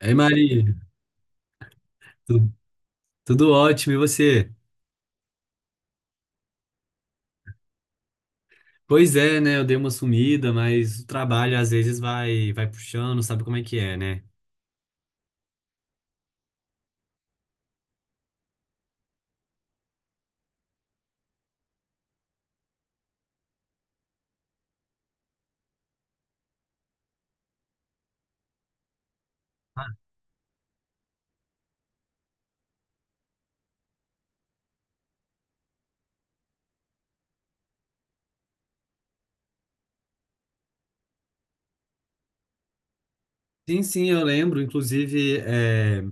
Ei, Maria, tu- tudo ótimo, e você? Pois é, né? Eu dei uma sumida, mas o trabalho às vezes vai puxando, sabe como é que é, né? Sim, sim, eu lembro. Inclusive,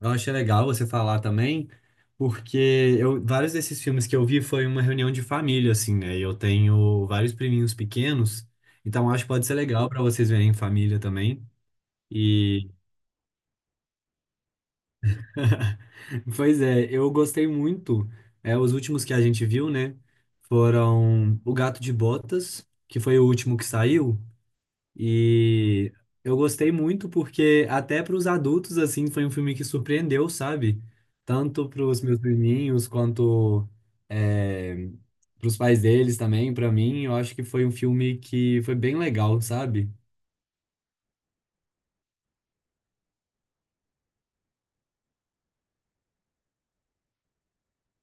eu achei legal você falar também, porque vários desses filmes que eu vi foi uma reunião de família, assim, né? E eu tenho vários priminhos pequenos, então acho que pode ser legal para vocês verem em família também. Pois é, eu gostei muito. É, os últimos que a gente viu, né? Foram O Gato de Botas, que foi o último que saiu. E eu gostei muito porque até para os adultos, assim, foi um filme que surpreendeu, sabe? Tanto para os meus priminhos quanto é, para os pais deles também, para mim. Eu acho que foi um filme que foi bem legal, sabe?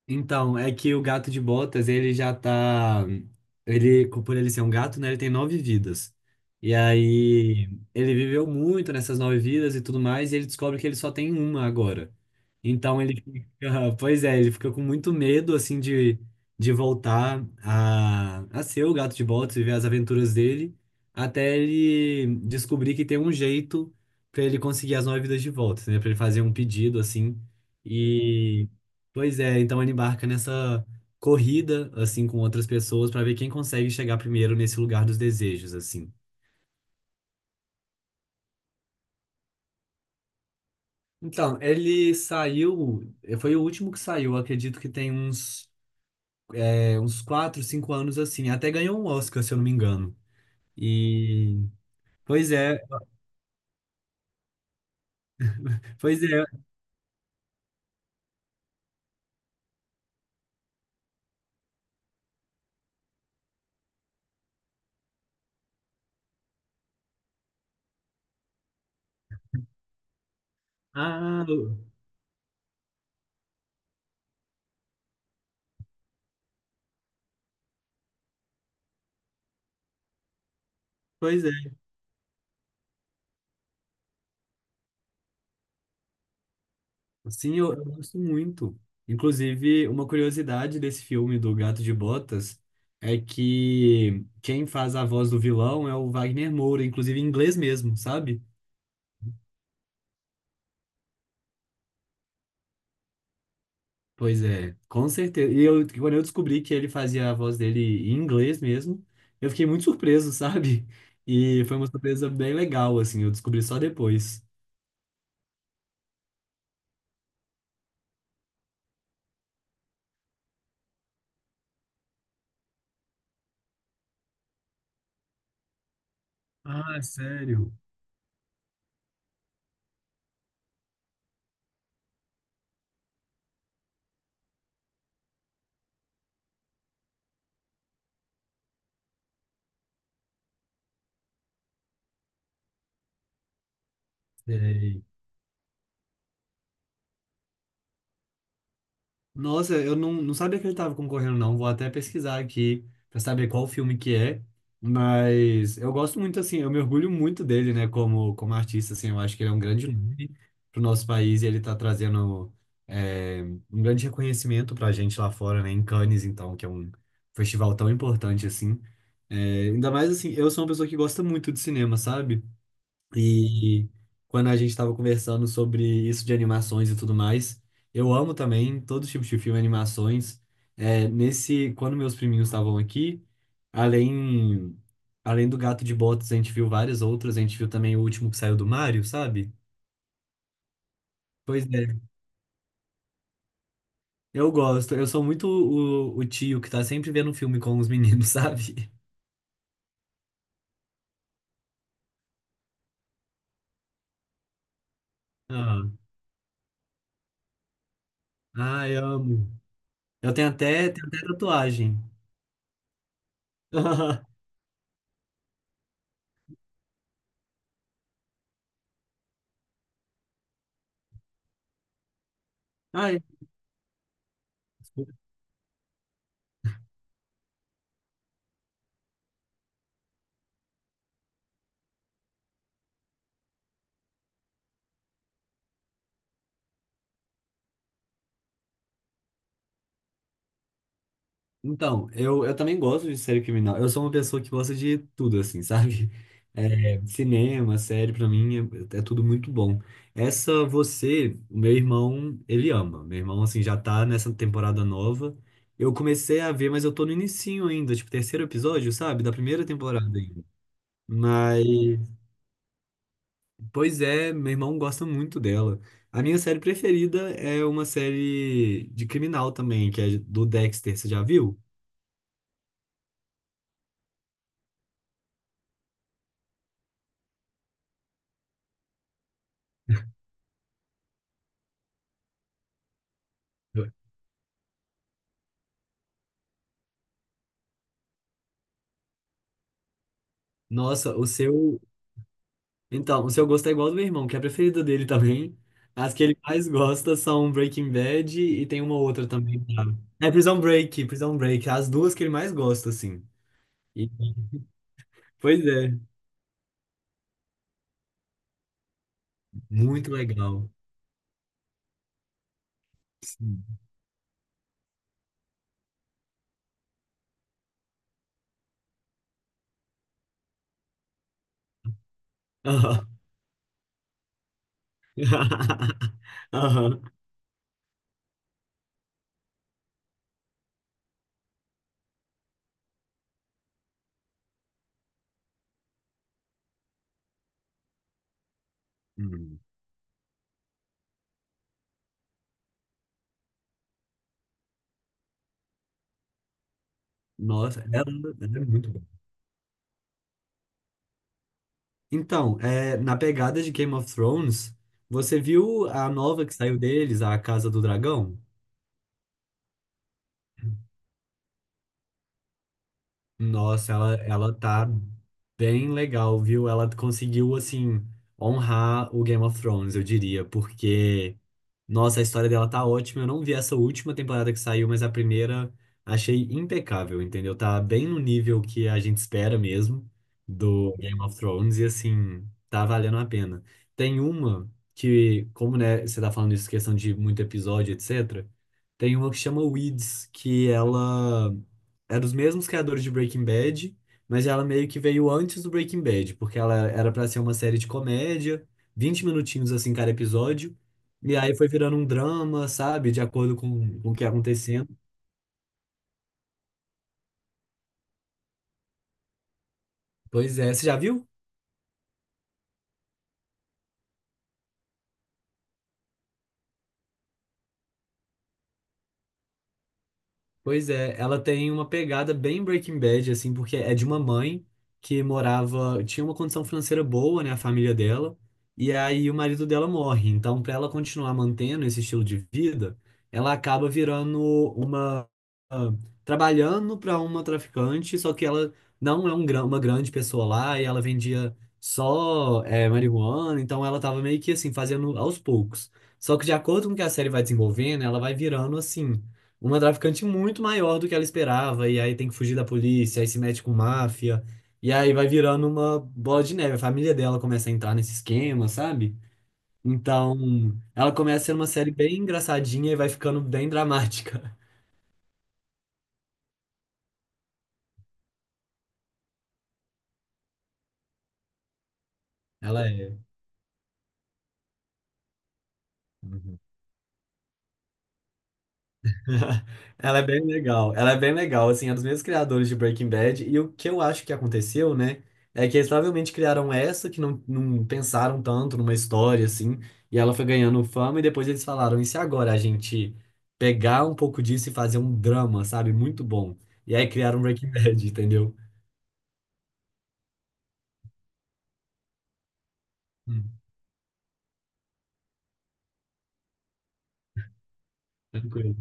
Então, é que o gato de botas, ele já tá. Ele, por ele ser um gato, né? Ele tem nove vidas. E aí, ele viveu muito nessas nove vidas e tudo mais, e ele descobre que ele só tem uma agora. Então, ele fica. Pois é, ele fica com muito medo, assim, de voltar a ser o gato de botas, viver as aventuras dele, até ele descobrir que tem um jeito pra ele conseguir as nove vidas de volta, né? Pra ele fazer um pedido, assim. e Pois é, então ele embarca nessa corrida, assim, com outras pessoas para ver quem consegue chegar primeiro nesse lugar dos desejos, assim. Então, ele saiu, foi o último que saiu, eu acredito que tem uns 4 5 anos, assim. Até ganhou um Oscar, se eu não me engano. E, pois é, pois é. Ah, pois é. Sim, eu gosto muito. Inclusive, uma curiosidade desse filme do Gato de Botas é que quem faz a voz do vilão é o Wagner Moura, inclusive em inglês mesmo, sabe? Pois é, com certeza. E quando eu descobri que ele fazia a voz dele em inglês mesmo, eu fiquei muito surpreso, sabe? E foi uma surpresa bem legal, assim, eu descobri só depois. Ah, sério? Sei. Nossa, eu não sabia que ele estava concorrendo, não. Vou até pesquisar aqui para saber qual filme que é. Mas eu gosto muito, assim, eu me orgulho muito dele, né, como artista, assim. Eu acho que ele é um grande nome pro nosso país e ele tá trazendo é, um grande reconhecimento pra gente lá fora, né, em Cannes, então, que é um festival tão importante, assim. É, ainda mais, assim, eu sou uma pessoa que gosta muito de cinema, sabe? E quando a gente estava conversando sobre isso de animações e tudo mais, eu amo também todo tipos de filme, animações. Quando meus priminhos estavam aqui, além, além do Gato de Botas, a gente viu várias outras. A gente viu também o último que saiu do Mario, sabe? Pois é, eu gosto. Eu sou muito o tio que tá sempre vendo um filme com os meninos, sabe? Ah, ai, amo. Eu Tenho até tatuagem. Ai, Então, eu também gosto de série criminal. Eu sou uma pessoa que gosta de tudo, assim, sabe? É, cinema, série, pra mim, é tudo muito bom. Essa, Você, o meu irmão, ele ama. Meu irmão, assim, já tá nessa temporada nova. Eu comecei a ver, mas eu tô no inicinho ainda, tipo, terceiro episódio, sabe? Da primeira temporada ainda. Mas, pois é, meu irmão gosta muito dela. A minha série preferida é uma série de criminal também, que é do Dexter, você já viu? Nossa, Então, o seu gosto é igual ao do meu irmão, que é a preferida dele também. As que ele mais gosta são Breaking Bad e tem uma outra também. Sabe? É Prison Break, Prison Break. As duas que ele mais gosta, assim. E- Pois é, muito legal. Sim. Aham. Aham. Hum. Nossa, ela é muito boa. Então, na pegada de Game of Thrones, você viu a nova que saiu deles, A Casa do Dragão? Nossa, ela tá bem legal, viu? Ela conseguiu, assim, honrar o Game of Thrones, eu diria, porque nossa, a história dela tá ótima. Eu não vi essa última temporada que saiu, mas a primeira achei impecável, entendeu? Tá bem no nível que a gente espera mesmo do Game of Thrones e assim, tá valendo a pena. Tem uma que, como né, você tá falando isso, questão de muito episódio, etc. Tem uma que chama Weeds, que ela é dos mesmos criadores de Breaking Bad, mas ela meio que veio antes do Breaking Bad, porque ela era pra ser uma série de comédia, 20 minutinhos assim cada episódio. E aí foi virando um drama, sabe? De acordo com o que ia acontecendo. Pois é, você já viu? Pois é, ela tem uma pegada bem Breaking Bad, assim, porque é de uma mãe que morava, tinha uma condição financeira boa, né, a família dela, e aí o marido dela morre. Então, para ela continuar mantendo esse estilo de vida, ela acaba virando uma, ah, trabalhando para uma traficante, só que ela não é uma grande pessoa lá, e ela vendia só, é marihuana, então ela tava meio que, assim, fazendo aos poucos. Só que de acordo com que a série vai desenvolvendo, ela vai virando, assim uma traficante muito maior do que ela esperava, e aí tem que fugir da polícia, aí se mete com máfia, e aí vai virando uma bola de neve. A família dela começa a entrar nesse esquema, sabe? Então, ela começa a ser uma série bem engraçadinha e vai ficando bem dramática. Ela é. Uhum. Ela é bem legal. Ela é bem legal, assim, é dos mesmos criadores de Breaking Bad. E o que eu acho que aconteceu, né, é que eles provavelmente criaram essa que não pensaram tanto numa história, assim, e ela foi ganhando fama. E depois eles falaram: e se agora a gente pegar um pouco disso e fazer um drama, sabe? Muito bom. E aí criaram Breaking Bad, entendeu? Hum, tranquilo.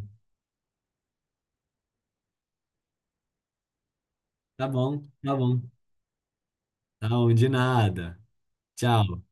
Tá bom, tá bom. Não, de nada. Tchau.